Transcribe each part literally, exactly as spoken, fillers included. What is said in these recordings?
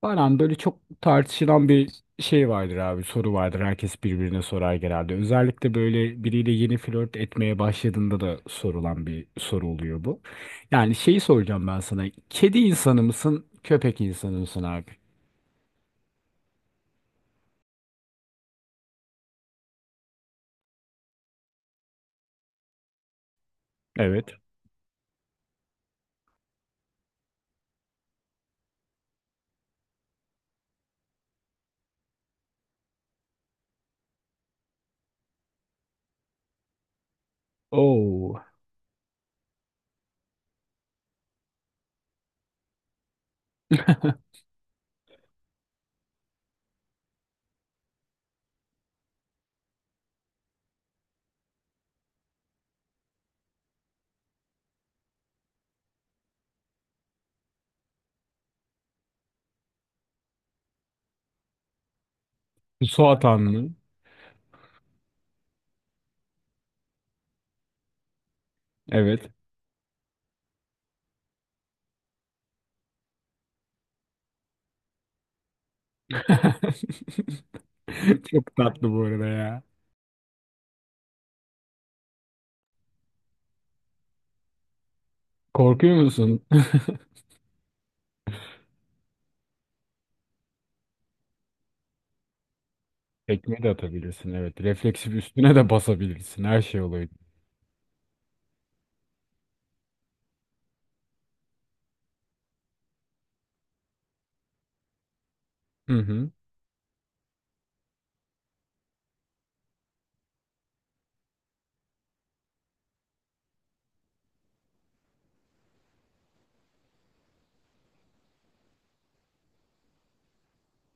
Falan böyle çok tartışılan bir şey vardır abi, soru vardır. Herkes birbirine sorar genelde. Özellikle böyle biriyle yeni flört etmeye başladığında da sorulan bir soru oluyor bu. Yani şeyi soracağım ben sana. Kedi insanı mısın, köpek insanı mısın abi? Evet. Oo. Suat Hanım'ı. Evet. Çok tatlı bu arada ya. Korkuyor musun? Tekme de atabilirsin, evet. Refleksif üstüne de basabilirsin. Her şey oluyor. Hı hı.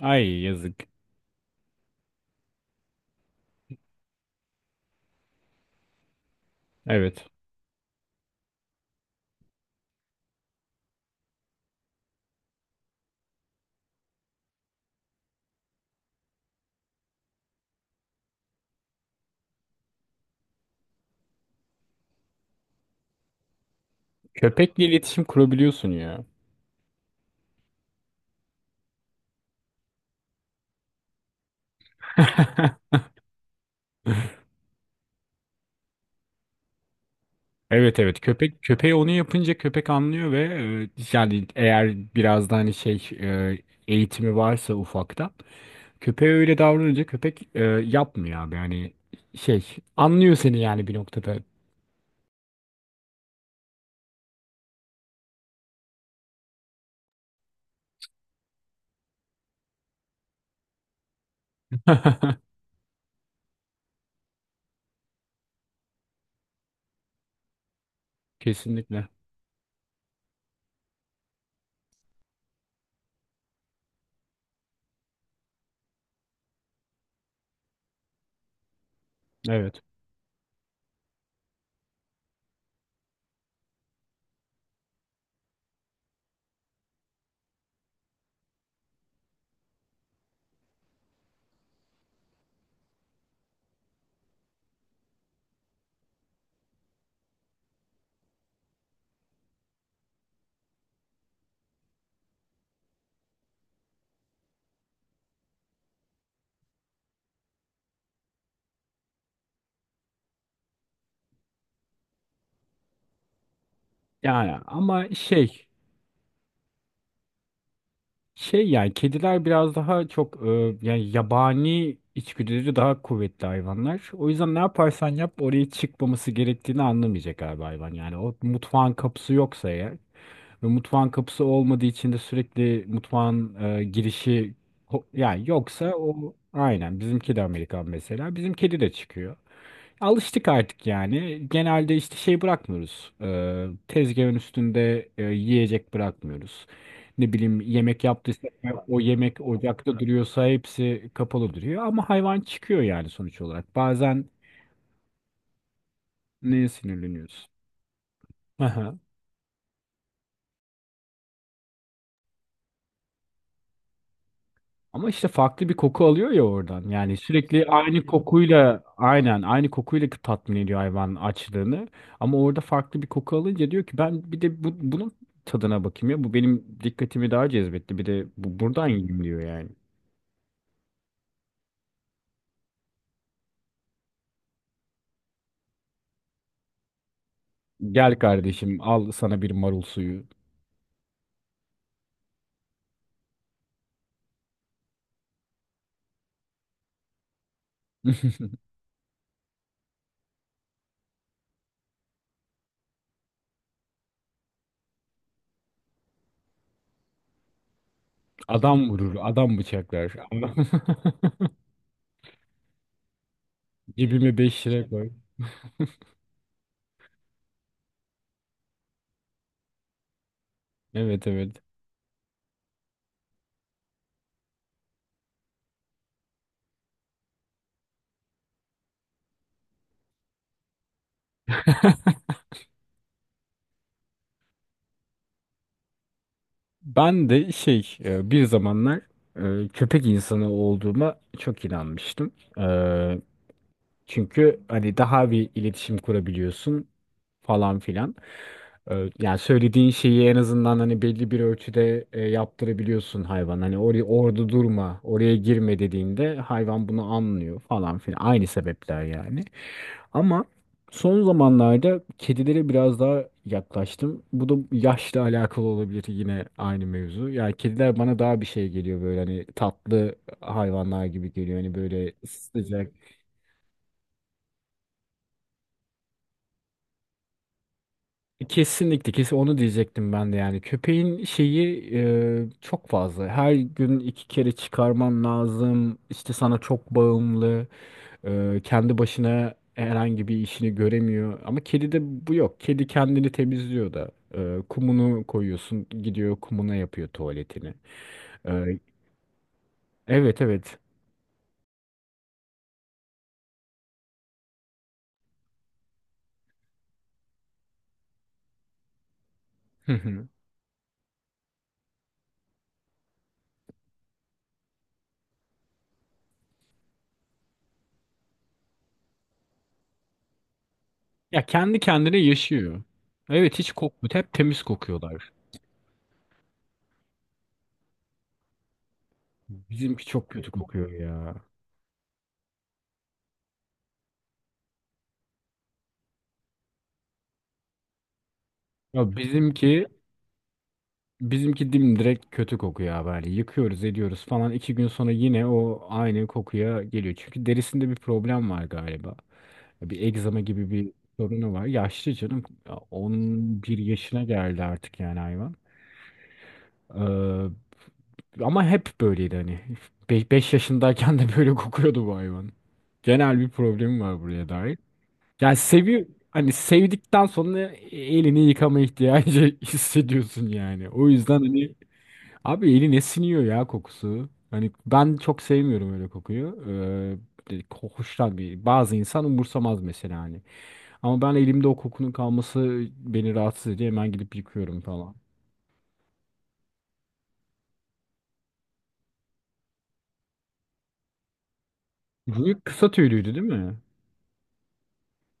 Ay yazık. Evet. Köpekle iletişim kurabiliyorsun ya. Evet, evet, köpek köpeği onu yapınca köpek anlıyor. Ve e, yani eğer biraz da hani şey e, eğitimi varsa ufaktan köpeğe öyle davranınca köpek e, yapmıyor abi, yani şey anlıyor seni yani bir noktada. Kesinlikle. Evet. Yani ama şey Şey yani kediler biraz daha çok, e, yani yabani içgüdüleri daha kuvvetli hayvanlar. O yüzden ne yaparsan yap oraya çıkmaması gerektiğini anlamayacak galiba hayvan. Yani o mutfağın kapısı yoksa eğer, ve mutfağın kapısı olmadığı için de sürekli mutfağın e, girişi, ho- yani yoksa o. Aynen, bizim kedi Amerikan mesela. Bizim kedi de çıkıyor. Alıştık artık yani. Genelde işte şey bırakmıyoruz. Ee, tezgahın üstünde e, yiyecek bırakmıyoruz. Ne bileyim, yemek yaptıysak o yemek ocakta duruyorsa hepsi kapalı duruyor. Ama hayvan çıkıyor yani sonuç olarak. Bazen neye sinirleniyoruz? Ama işte farklı bir koku alıyor ya oradan. Yani sürekli aynı kokuyla, aynen aynı kokuyla tatmin ediyor hayvan açlığını. Ama orada farklı bir koku alınca diyor ki ben bir de bu, bunun tadına bakayım ya. Bu benim dikkatimi daha cezbetti. Bir de bu, buradan yiyeyim diyor yani. Gel kardeşim, al sana bir marul suyu. Adam vurur, adam bıçaklar. Cebime beş lira koy. Evet, evet. Ben de şey e, bir zamanlar e, köpek insanı olduğuma çok inanmıştım. E, Çünkü hani daha bir iletişim kurabiliyorsun falan filan. E, Yani söylediğin şeyi en azından hani belli bir ölçüde e, yaptırabiliyorsun hayvan. Hani oraya orada durma, oraya girme dediğinde hayvan bunu anlıyor falan filan. Aynı sebepler yani. Ama son zamanlarda kedilere biraz daha yaklaştım. Bu da yaşla alakalı olabilir, yine aynı mevzu. Yani kediler bana daha bir şey geliyor, böyle hani tatlı hayvanlar gibi geliyor. Hani böyle sıcak. Kesinlikle, kesin onu diyecektim ben de yani. Köpeğin şeyi e, çok fazla. Her gün iki kere çıkarman lazım. İşte sana çok bağımlı. Ee, kendi başına herhangi bir işini göremiyor. Ama kedide bu yok. Kedi kendini temizliyor da. Ee, kumunu koyuyorsun, gidiyor kumuna yapıyor tuvaletini. Ee, evet, evet. Hı hı. Ya kendi kendine yaşıyor. Evet, hiç kokmuyor. Hep temiz kokuyorlar. Bizimki çok kötü kokuyor ya. Ya bizimki bizimki dimdirek kötü kokuyor abi. Hani yıkıyoruz, ediyoruz falan. iki gün sonra yine o aynı kokuya geliyor. Çünkü derisinde bir problem var galiba. Bir egzama gibi bir sorunu var. Yaşlı canım. Ya on bir yaşına geldi artık yani hayvan. Ee, ama hep böyleydi hani. Beş yaşındayken de böyle kokuyordu bu hayvan. Genel bir problemi var buraya dair. Yani seviyor, hani sevdikten sonra elini yıkama ihtiyacı hissediyorsun yani. O yüzden hani abi eline siniyor ya kokusu. Hani ben çok sevmiyorum öyle kokuyu. Ee, hoştan bir bazı insan umursamaz mesela hani, ama ben elimde o kokunun kalması beni rahatsız ediyor. Hemen gidip yıkıyorum falan. Büyük kısa tüylüydü değil mi?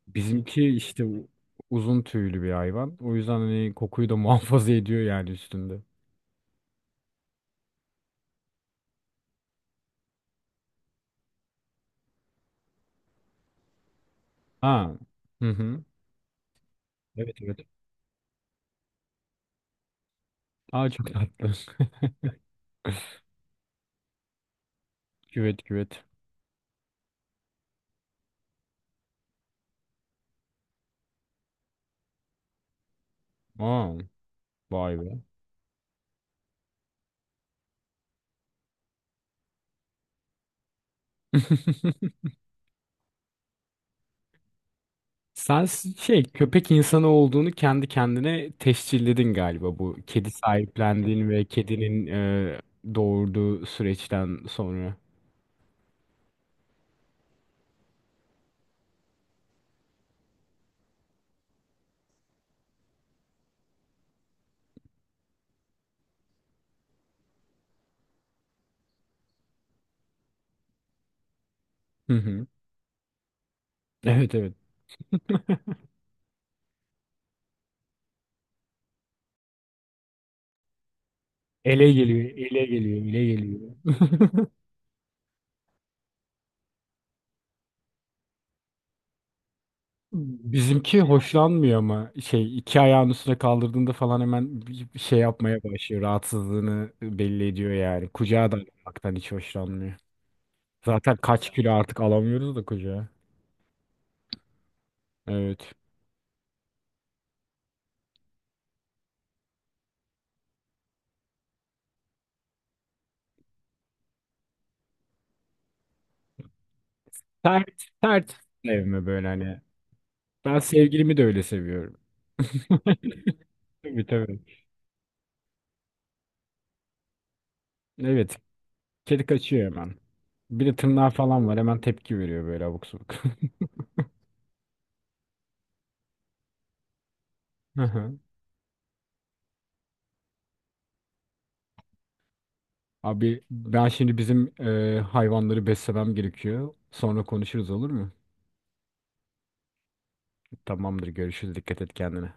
Bizimki işte u- uzun tüylü bir hayvan. O yüzden hani kokuyu da muhafaza ediyor yani üstünde. Ha. Hı hı. Evet, evet. Aa, çok tatlı. Küvet, küvet. Aa, vay be. Sen s- şey köpek insanı olduğunu kendi kendine tescilledin galiba, bu kedi sahiplendiğin ve kedinin e, doğurduğu süreçten sonra. Hı hı. Evet, evet. Ele geliyor, ele geliyor, ele geliyor. Bizimki hoşlanmıyor, ama şey iki ayağın üstüne kaldırdığında falan hemen bir bir şey yapmaya başlıyor. Rahatsızlığını belli ediyor yani. Kucağa da almaktan hiç hoşlanmıyor. Zaten kaç kilo artık alamıyoruz da kucağa. Evet. Sert, sert sevme böyle hani. Ben sevgilimi de öyle seviyorum. Tabii, tabii. Evet. Kedi kaçıyor hemen. Bir de tırnağı falan var. Hemen tepki veriyor böyle abuk sabuk. Abi ben şimdi bizim e, hayvanları beslemem gerekiyor. Sonra konuşuruz, olur mu? Tamamdır, görüşürüz. Dikkat et kendine.